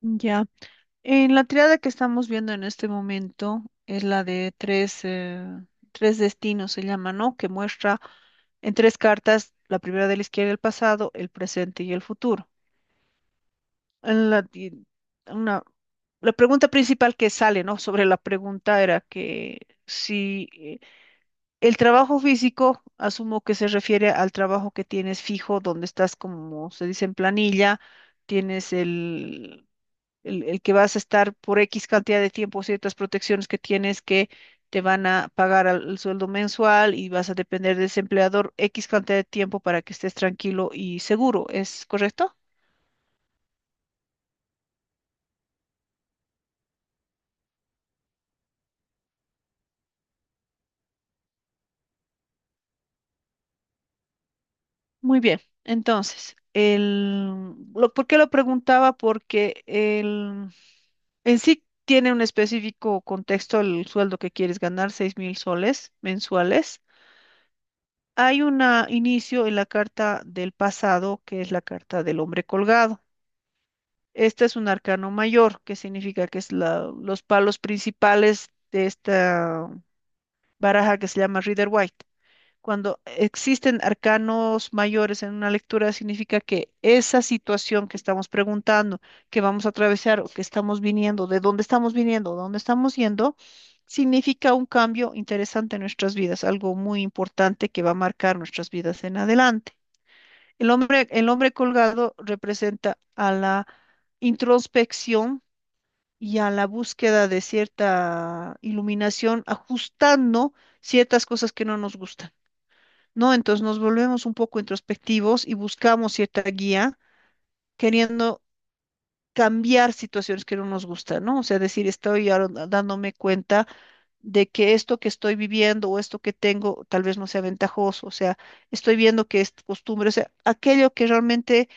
Ya. En la triada que estamos viendo en este momento es la de tres, tres destinos, se llama, ¿no? que muestra en tres cartas, la primera de la izquierda, el pasado, el presente y el futuro. En la, y una, La pregunta principal que sale, ¿no? Sobre la pregunta era que si el trabajo físico, asumo que se refiere al trabajo que tienes fijo, donde estás, como se dice en planilla, tienes el que vas a estar por X cantidad de tiempo, ciertas protecciones que tienes que te van a pagar el sueldo mensual y vas a depender de ese empleador X cantidad de tiempo para que estés tranquilo y seguro, ¿es correcto? Muy bien. Entonces, ¿por qué lo preguntaba? Porque en sí tiene un específico contexto el sueldo que quieres ganar, 6000 soles mensuales. Hay un inicio en la carta del pasado, que es la carta del hombre colgado. Este es un arcano mayor, que significa que es los palos principales de esta baraja que se llama Rider White. Cuando existen arcanos mayores en una lectura, significa que esa situación que estamos preguntando, que vamos a atravesar o que estamos viniendo, de dónde estamos viniendo, dónde estamos yendo, significa un cambio interesante en nuestras vidas, algo muy importante que va a marcar nuestras vidas en adelante. El hombre colgado representa a la introspección y a la búsqueda de cierta iluminación, ajustando ciertas cosas que no nos gustan, ¿no? Entonces nos volvemos un poco introspectivos y buscamos cierta guía, queriendo cambiar situaciones que no nos gustan, ¿no? O sea, decir, estoy ahora dándome cuenta de que esto que estoy viviendo o esto que tengo tal vez no sea ventajoso, o sea, estoy viendo que es costumbre, o sea, aquello que realmente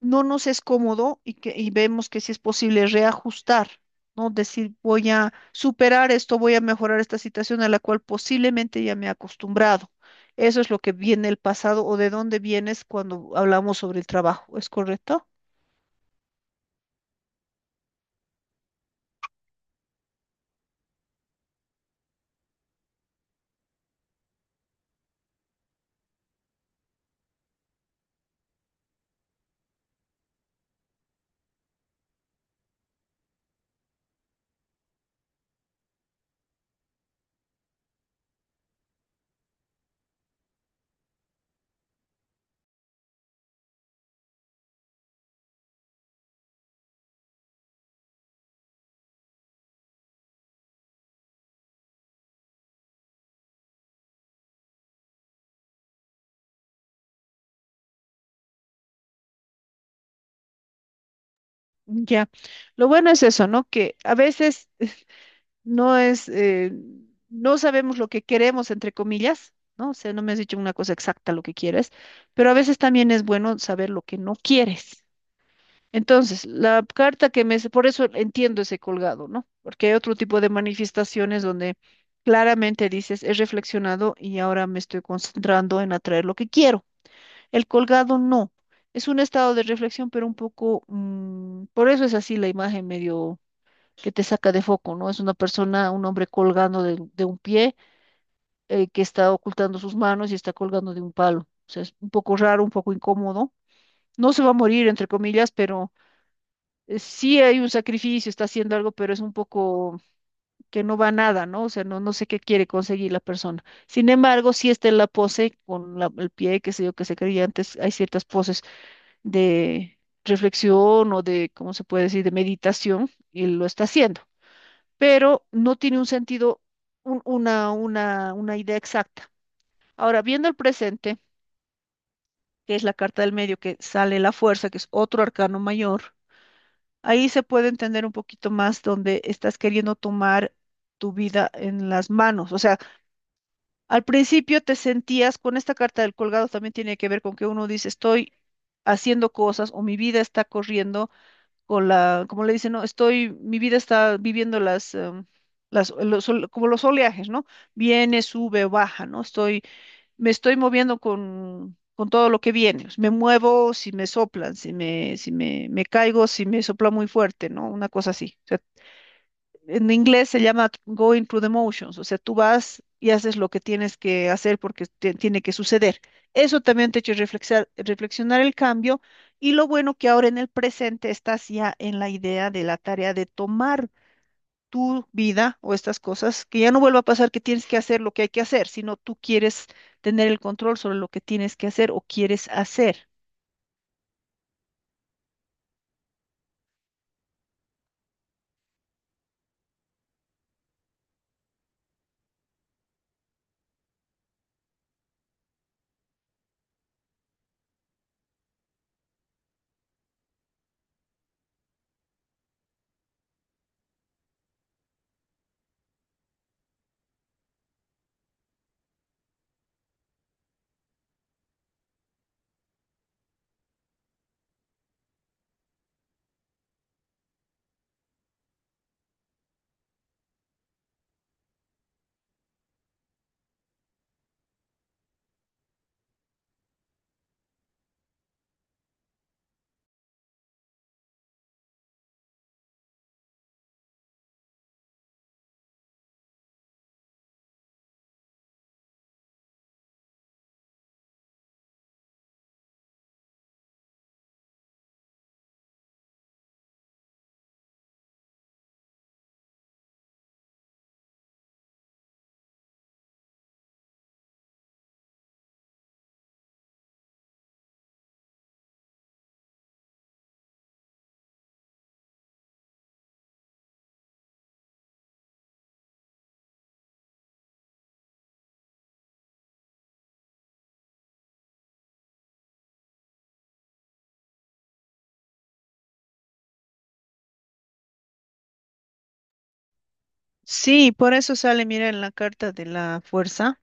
no nos es cómodo y vemos que si es posible reajustar, ¿no? Decir, voy a superar esto, voy a mejorar esta situación a la cual posiblemente ya me he acostumbrado. Eso es lo que viene el pasado o de dónde vienes cuando hablamos sobre el trabajo, ¿es correcto? Ya. Lo bueno es eso, ¿no? Que a veces no es, eh, no sabemos lo que queremos, entre comillas, ¿no? O sea, no me has dicho una cosa exacta lo que quieres, pero a veces también es bueno saber lo que no quieres. Entonces, la carta que me. Por eso entiendo ese colgado, ¿no? Porque hay otro tipo de manifestaciones donde claramente dices, he reflexionado y ahora me estoy concentrando en atraer lo que quiero. El colgado no. Es un estado de reflexión, pero un poco, por eso es así la imagen medio que te saca de foco, ¿no? Es una persona, un hombre colgando de un pie, que está ocultando sus manos y está colgando de un palo. O sea, es un poco raro, un poco incómodo. No se va a morir, entre comillas, pero sí hay un sacrificio, está haciendo algo, pero es un poco que no va a nada, ¿no? O sea, no, no sé qué quiere conseguir la persona. Sin embargo, sí está en la pose con el pie, qué sé yo, que se creía antes, hay ciertas poses de reflexión o de, ¿cómo se puede decir?, de meditación, y lo está haciendo, pero no tiene un sentido, una idea exacta. Ahora, viendo el presente, que es la carta del medio que sale la fuerza, que es otro arcano mayor. Ahí se puede entender un poquito más donde estás queriendo tomar tu vida en las manos. O sea, al principio te sentías con esta carta del colgado, también tiene que ver con que uno dice, estoy haciendo cosas o mi vida está corriendo con la, como le dicen, no, mi vida está viviendo las, em, las, los, ol- como los oleajes, ¿no? Viene, sube, baja, ¿no? Estoy me estoy moviendo con todo lo que viene. Me muevo si me soplan, si me caigo, si me sopla muy fuerte, ¿no? Una cosa así. O sea, en inglés se llama going through the motions, o sea, tú vas y haces lo que tienes que hacer porque tiene que suceder. Eso también te ha hecho reflexionar el cambio y lo bueno que ahora en el presente estás ya en la idea de la tarea de tomar tu vida o estas cosas, que ya no vuelva a pasar que tienes que hacer lo que hay que hacer, sino tú quieres tener el control sobre lo que tienes que hacer o quieres hacer. Sí, por eso sale, mira, en la carta de la fuerza.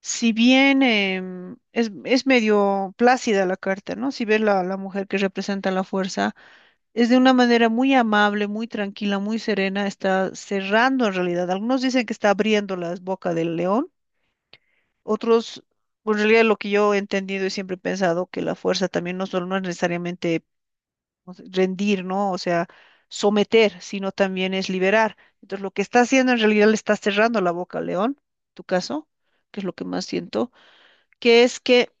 Si bien es medio plácida la carta, ¿no? Si ves la mujer que representa la fuerza, es de una manera muy amable, muy tranquila, muy serena, está cerrando en realidad. Algunos dicen que está abriendo las bocas del león. Otros, pues, en realidad lo que yo he entendido y siempre he pensado que la fuerza también no solo no es necesariamente no sé, rendir, ¿no? O sea, someter, sino también es liberar. Entonces, lo que está haciendo en realidad le está cerrando la boca al león, tu caso, que es lo que más siento, que es que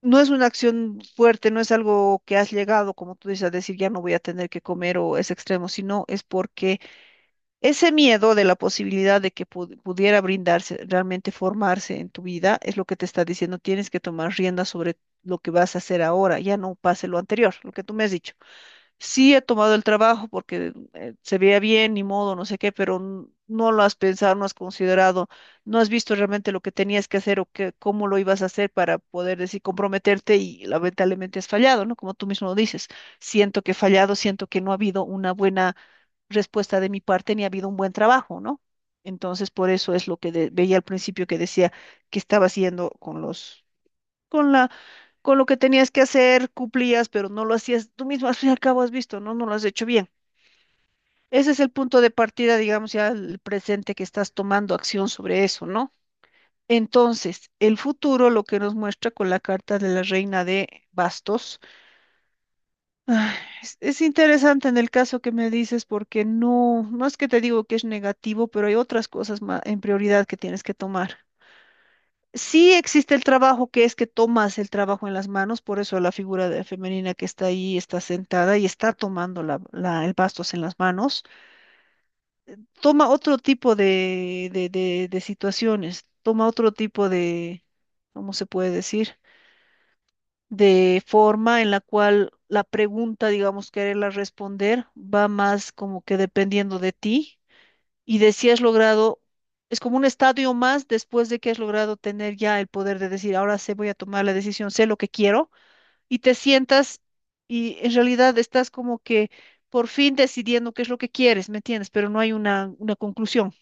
no es una acción fuerte, no es algo que has llegado, como tú dices, a decir ya no voy a tener que comer o es extremo, sino es porque ese miedo de la posibilidad de que pudiera brindarse, realmente formarse en tu vida, es lo que te está diciendo, tienes que tomar rienda sobre lo que vas a hacer ahora, ya no pase lo anterior, lo que tú me has dicho. Sí he tomado el trabajo porque se veía bien, ni modo, no sé qué, pero no lo has pensado, no has considerado, no has visto realmente lo que tenías que hacer o que, cómo lo ibas a hacer para poder decir, comprometerte y lamentablemente has fallado, ¿no? Como tú mismo lo dices, siento que he fallado, siento que no ha habido una buena respuesta de mi parte ni ha habido un buen trabajo, ¿no? Entonces, por eso es lo que veía al principio que decía que estaba haciendo con los, con la, con lo que tenías que hacer, cumplías, pero no lo hacías tú mismo, al fin y al cabo has visto, ¿no? No lo has hecho bien. Ese es el punto de partida, digamos, ya el presente que estás tomando acción sobre eso, ¿no? Entonces, el futuro, lo que nos muestra con la carta de la reina de bastos. Ay. Es interesante en el caso que me dices porque no, no es que te digo que es negativo, pero hay otras cosas en prioridad que tienes que tomar. Sí existe el trabajo que es que tomas el trabajo en las manos, por eso la figura femenina que está ahí está sentada y está tomando el bastos en las manos, toma otro tipo de situaciones, toma otro tipo de, ¿cómo se puede decir? De forma en la cual la pregunta, digamos, quererla responder va más como que dependiendo de ti y de si has logrado, es como un estadio más después de que has logrado tener ya el poder de decir, ahora sé, voy a tomar la decisión, sé lo que quiero y te sientas y en realidad estás como que por fin decidiendo qué es lo que quieres, ¿me entiendes? Pero no hay una conclusión.